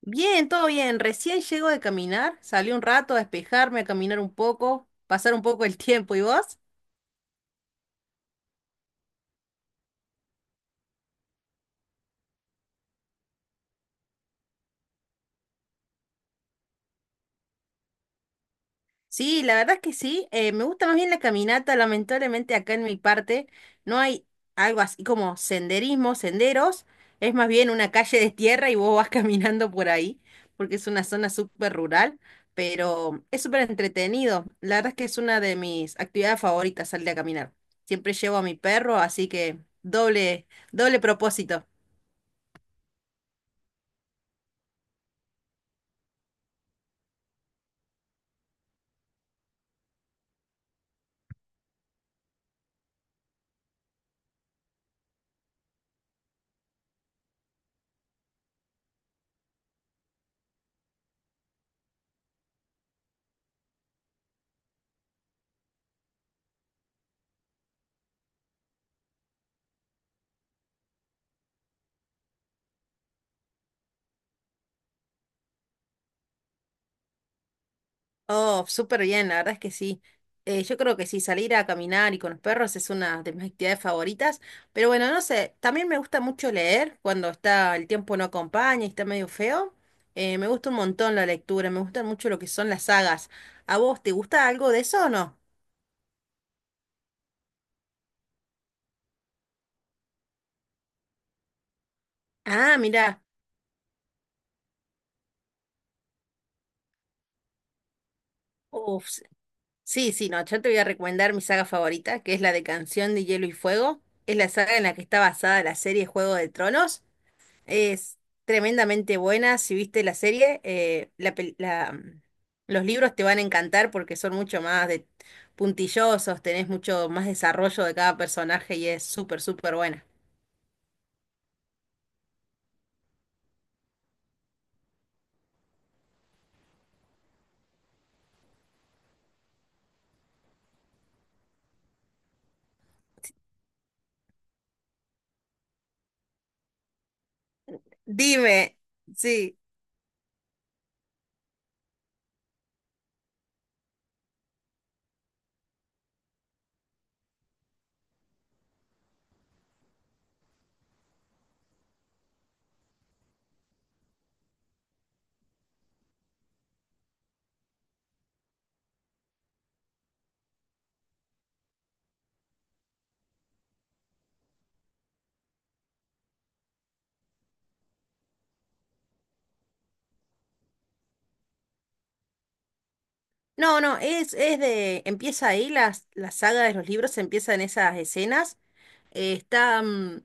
Bien, todo bien. Recién llego de caminar, salí un rato a despejarme, a caminar un poco, pasar un poco el tiempo. ¿Y vos? Sí, la verdad es que sí. Me gusta más bien la caminata. Lamentablemente acá en mi parte no hay algo así como senderismo, senderos. Es más bien una calle de tierra y vos vas caminando por ahí, porque es una zona súper rural, pero es súper entretenido. La verdad es que es una de mis actividades favoritas, salir a caminar. Siempre llevo a mi perro, así que doble, doble propósito. Oh, súper bien, la verdad es que sí. Yo creo que sí, salir a caminar y con los perros es una de mis actividades favoritas. Pero bueno, no sé, también me gusta mucho leer cuando está el tiempo no acompaña y está medio feo. Me gusta un montón la lectura, me gustan mucho lo que son las sagas. ¿A vos te gusta algo de eso o no? Ah, mira. Uf, sí, sí, no, yo te voy a recomendar mi saga favorita, que es la de Canción de Hielo y Fuego. Es la saga en la que está basada la serie Juego de Tronos. Es tremendamente buena. Si viste la serie, la pel- la- mm, los libros te van a encantar porque son mucho más de puntillosos, tenés mucho más desarrollo de cada personaje y es súper, súper buena. Dime, sí. No, no, es de, empieza ahí, la saga de los libros empieza en esas escenas. Eh, está, mm,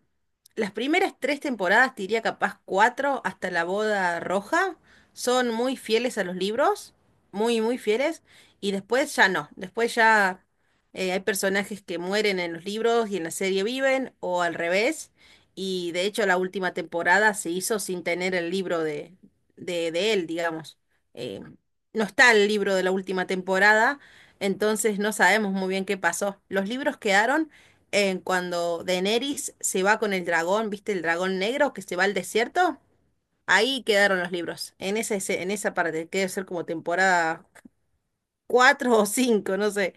las primeras tres temporadas, te diría capaz cuatro, hasta la boda roja, son muy fieles a los libros, muy, muy fieles, y después ya no, después ya hay personajes que mueren en los libros y en la serie viven, o al revés, y de hecho la última temporada se hizo sin tener el libro de él, digamos. Eh, no está el libro de la última temporada, entonces no sabemos muy bien qué pasó. Los libros quedaron en cuando Daenerys se va con el dragón. ¿Viste el dragón negro que se va al desierto? Ahí quedaron los libros, en esa parte, que debe ser como temporada 4 o 5, no sé,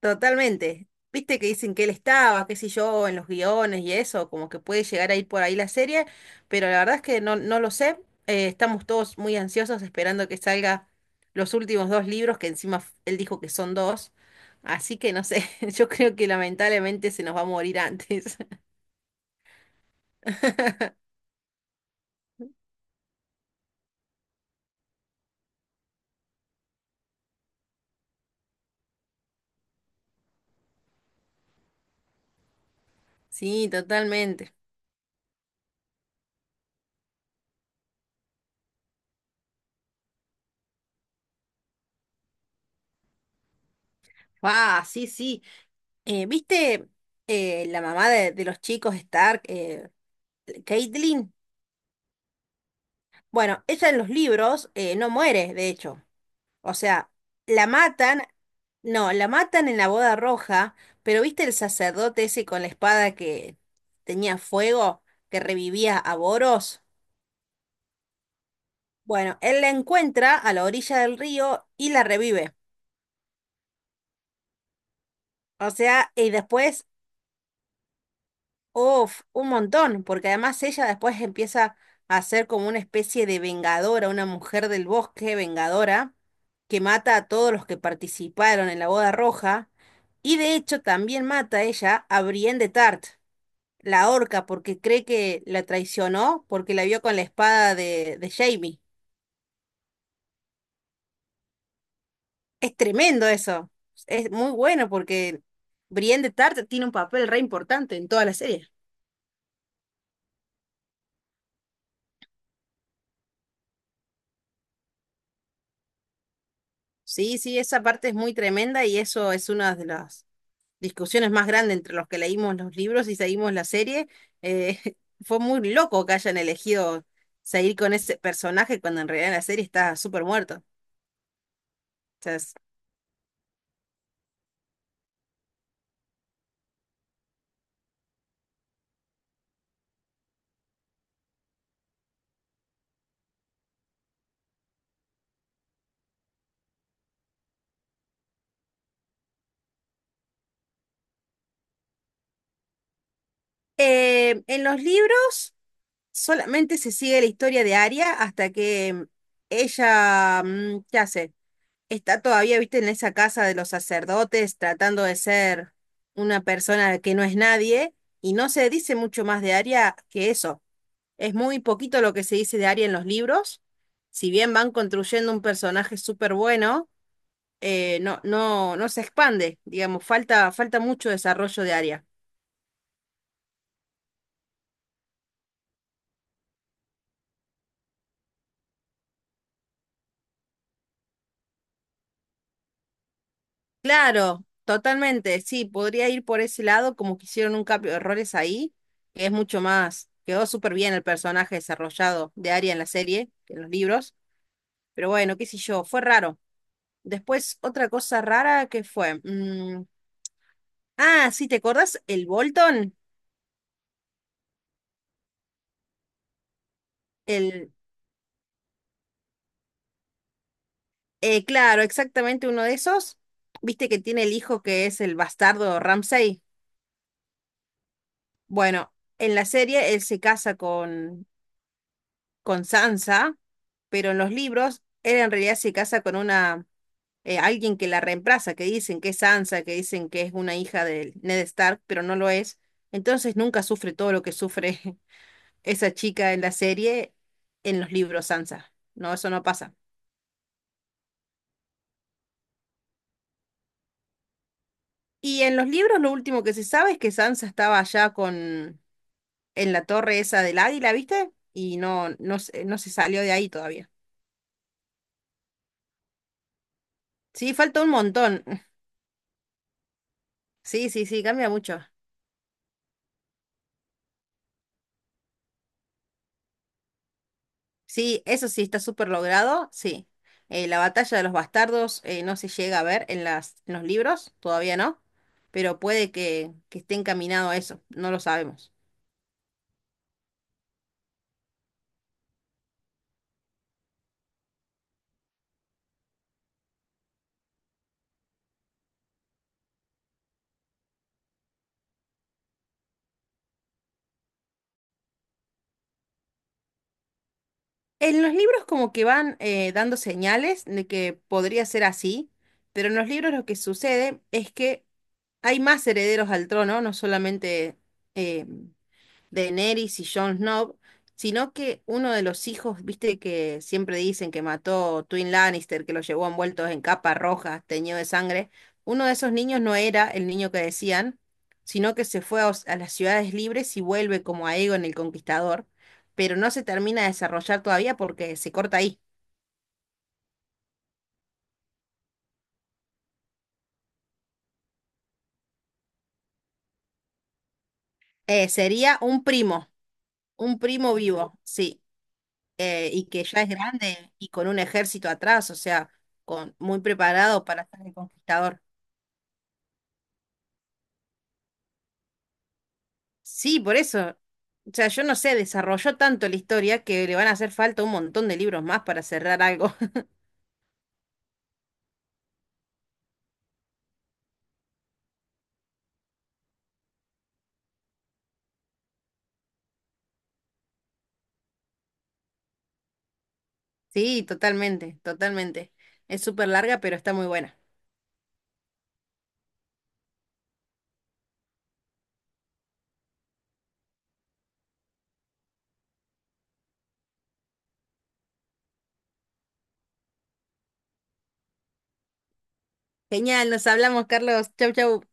totalmente. Viste que dicen que él estaba, qué sé yo, en los guiones y eso, como que puede llegar a ir por ahí la serie, pero la verdad es que no, no lo sé. Estamos todos muy ansiosos esperando que salga los últimos dos libros, que encima él dijo que son dos, así que no sé, yo creo que lamentablemente se nos va a morir antes. Sí, totalmente. Ah, sí, sí. ¿Viste la mamá de los chicos Stark, Caitlyn? Bueno, ella en los libros no muere, de hecho. O sea, la matan, no, la matan en la boda roja, pero ¿viste el sacerdote ese con la espada que tenía fuego, que revivía a Boros? Bueno, él la encuentra a la orilla del río y la revive. O sea, y después uf, un montón, porque además ella después empieza a ser como una especie de vengadora, una mujer del bosque vengadora, que mata a todos los que participaron en la boda roja, y de hecho también mata a ella a Brienne de Tart, la orca, porque cree que la traicionó porque la vio con la espada de Jaime. Es tremendo eso, es muy bueno porque Brienne de Tart tiene un papel re importante en toda la serie. Sí, sí, esa parte es muy tremenda y eso es uno de los discusiones más grandes entre los que leímos los libros y seguimos la serie. Eh, fue muy loco que hayan elegido seguir con ese personaje cuando en realidad en la serie está súper muerto. Entonces, en los libros solamente se sigue la historia de Arya hasta que ella, ¿qué hace? Está todavía, viste, en esa casa de los sacerdotes tratando de ser una persona que no es nadie, y no se dice mucho más de Arya que eso. Es muy poquito lo que se dice de Arya en los libros. Si bien van construyendo un personaje súper bueno, no se expande, digamos, falta, falta mucho desarrollo de Arya. Claro, totalmente, sí, podría ir por ese lado, como que hicieron un cambio de errores ahí, que es mucho más, quedó súper bien el personaje desarrollado de Arya en la serie, que en los libros, pero bueno, qué sé yo, fue raro. Después, otra cosa rara que fue, ah, sí, ¿te acordás? El Bolton, el, claro, exactamente uno de esos. Viste que tiene el hijo que es el bastardo Ramsay. Bueno, en la serie él se casa con Sansa, pero en los libros él en realidad se casa con una alguien que la reemplaza, que dicen que es Sansa, que dicen que es una hija de Ned Stark, pero no lo es. Entonces nunca sufre todo lo que sufre esa chica en la serie, en los libros Sansa. No, eso no pasa. Y en los libros lo último que se sabe es que Sansa estaba allá con en la torre esa del Águila, ¿viste? Y no, no, no se salió de ahí todavía. Sí, falta un montón. Sí, sí, sí, cambia mucho. Sí, eso sí está súper logrado, sí. La batalla de los bastardos no se llega a ver en las, en los libros, todavía no, pero puede que esté encaminado a eso, no lo sabemos. En los libros como que van dando señales de que podría ser así, pero en los libros lo que sucede es que hay más herederos al trono, no solamente... eh, Daenerys y Jon Snow, sino que uno de los hijos, viste que siempre dicen que mató Twin Lannister, que lo llevó envueltos en capa roja teñido de sangre, uno de esos niños no era el niño que decían, sino que se fue a, a las ciudades libres y vuelve como Aegon el Conquistador, pero no se termina de desarrollar todavía porque se corta ahí. Sería un primo vivo, sí, y que ya es grande y con un ejército atrás, o sea, con, muy preparado para ser el conquistador. Sí, por eso. O sea, yo no sé, desarrolló tanto la historia que le van a hacer falta un montón de libros más para cerrar algo. Sí, totalmente, totalmente. Es súper larga, pero está muy buena. Genial, nos hablamos, Carlos. Chau, chau.